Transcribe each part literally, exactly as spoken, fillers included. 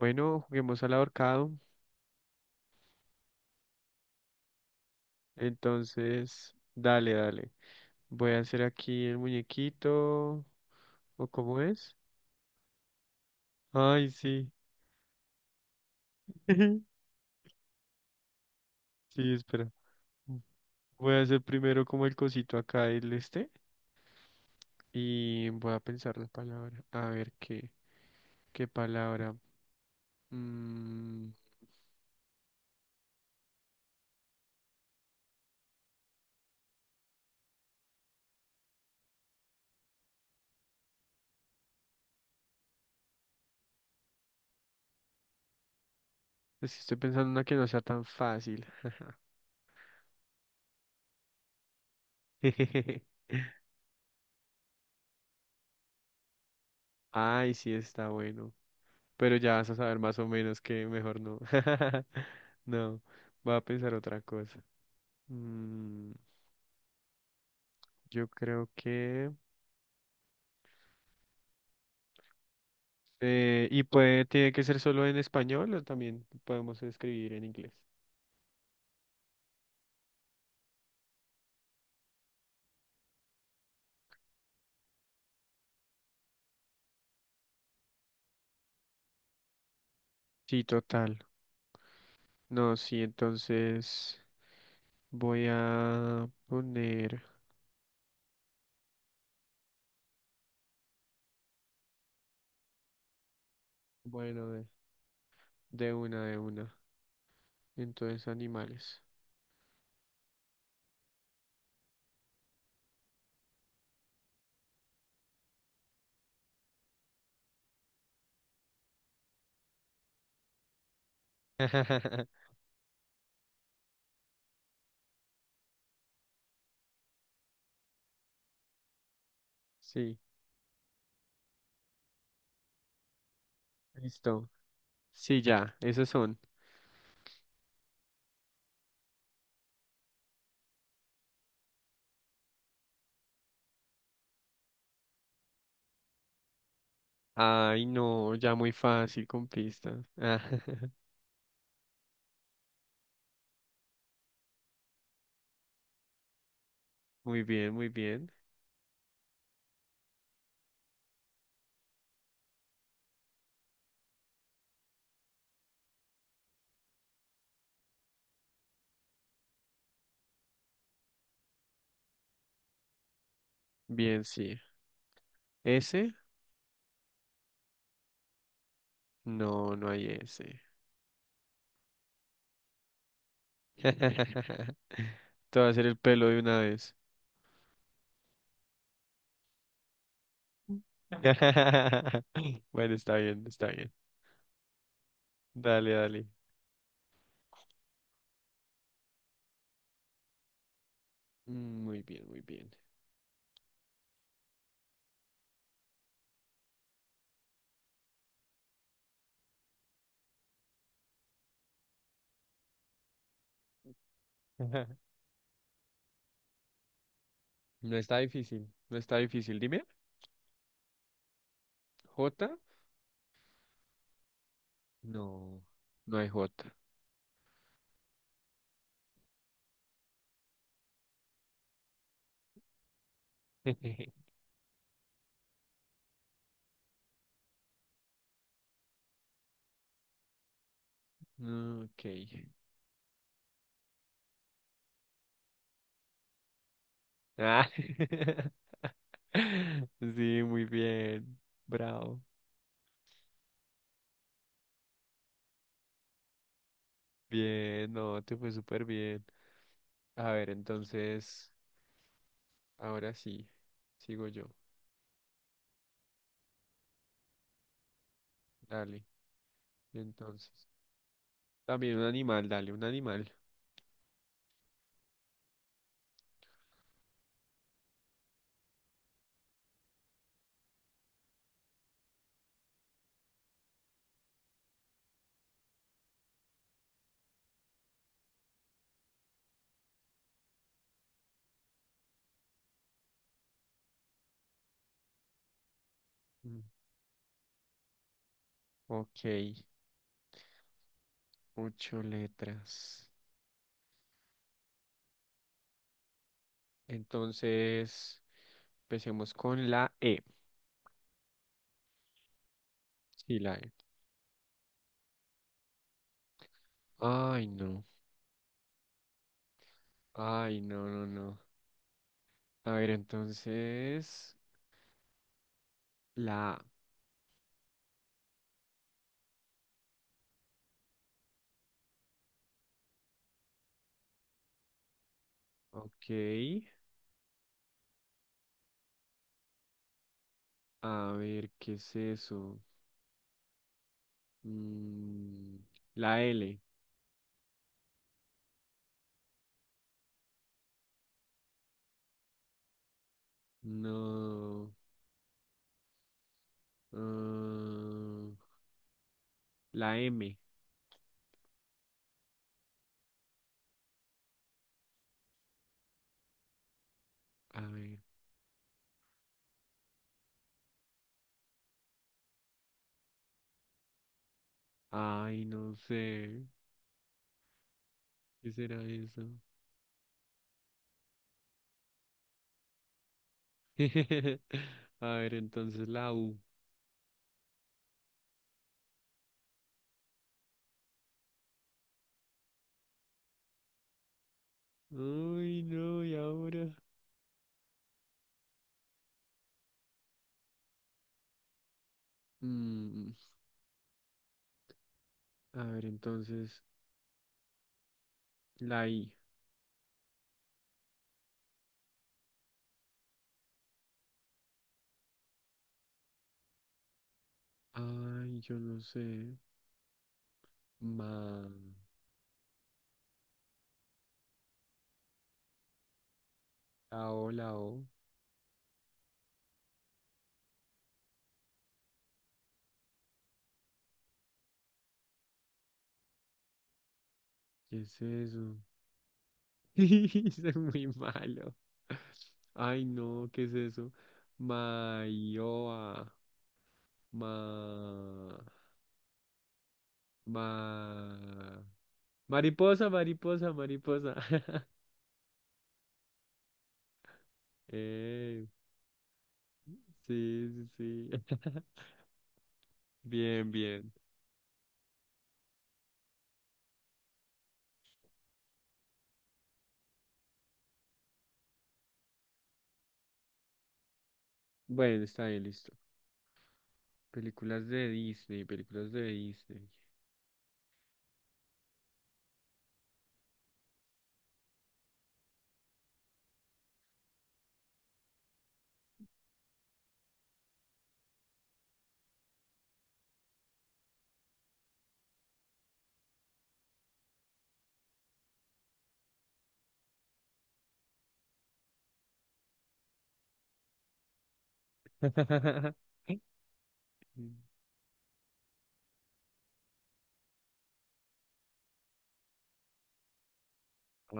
Bueno, juguemos al ahorcado. Entonces, dale, dale. Voy a hacer aquí el muñequito. ¿O cómo es? Ay, sí. Sí, espera. Voy a hacer primero como el cosito acá, el este. Y voy a pensar la palabra. A ver qué, qué palabra. Mm, es que estoy pensando una que no sea tan fácil. Ay, sí, está bueno. Pero ya vas a saber más o menos que mejor no. No, voy a pensar otra cosa. Mm, yo creo que... eh, ¿Y puede, tiene que ser solo en español o también podemos escribir en inglés? Sí, total. No, sí, entonces voy a poner... Bueno, de, de una, de una. Entonces, animales. Sí, listo. Sí, ya, esos son. Ay, no, ya muy fácil con pistas. Muy bien, muy bien. Bien, sí. ¿Ese? No, no hay ese. Te va a hacer el pelo de una vez. Bueno, está bien, está bien. Dale, dale. Mm, muy bien, muy bien. No está difícil, no está difícil. Dime, ¿J? No, no hay J. Mm, ok. Ah. Sí, muy bien. Bravo. Bien, no, te fue súper bien. A ver, entonces, ahora sí, sigo yo. Dale, entonces. También un animal, dale, un animal. Mm, ok, ocho letras. Entonces, empecemos con la E. Sí, la E. Ay, no. Ay, no, no, no. A ver, entonces, la A. Ok. A ver, ¿qué es eso? Mm, la L. No. Ah, la M. A ver. Ay, no sé. ¿Qué será eso? A ver, entonces la U. Ay, no, ¿y ahora? Mm, a ver, entonces la I. Ay, yo no sé. Ma. La O, la O. ¿Qué es eso? Soy muy malo. Ay, no, ¿qué es eso? Mayoa. Ma. Ma. Mariposa, mariposa, mariposa. Eh, sí, sí, sí. Bien, bien. Bueno, está bien, listo. Películas de Disney, películas de Disney.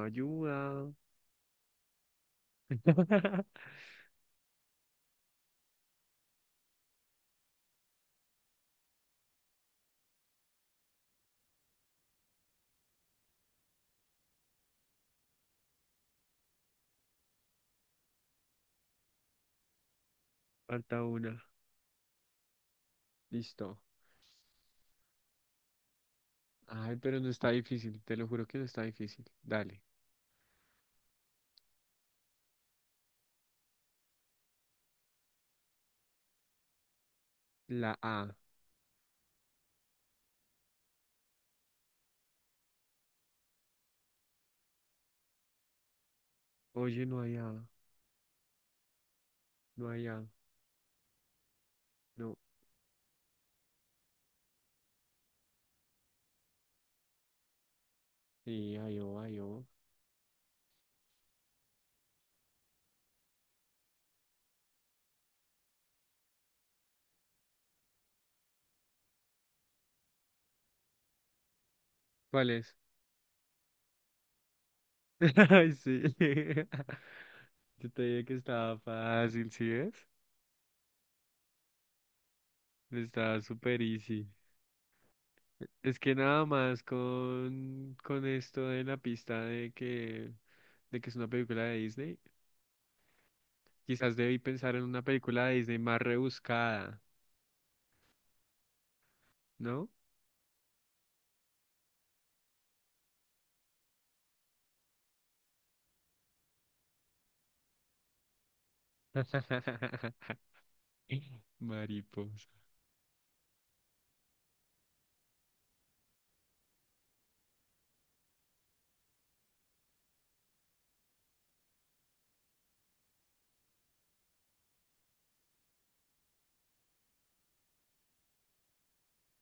Ayuda. Falta una. Listo. Ay, pero no está difícil, te lo juro que no está difícil. Dale. La A. Oye, no hay A. No hay A. No. Sí, hay O, hay O. ¿Cuál es? Ay, sí. Yo te dije que estaba fácil, ¿sí ves? Estaba súper easy. Es que nada más con, con esto de la pista de que, de que es una película de Disney, quizás debí pensar en una película de Disney más rebuscada, ¿no? Mariposa.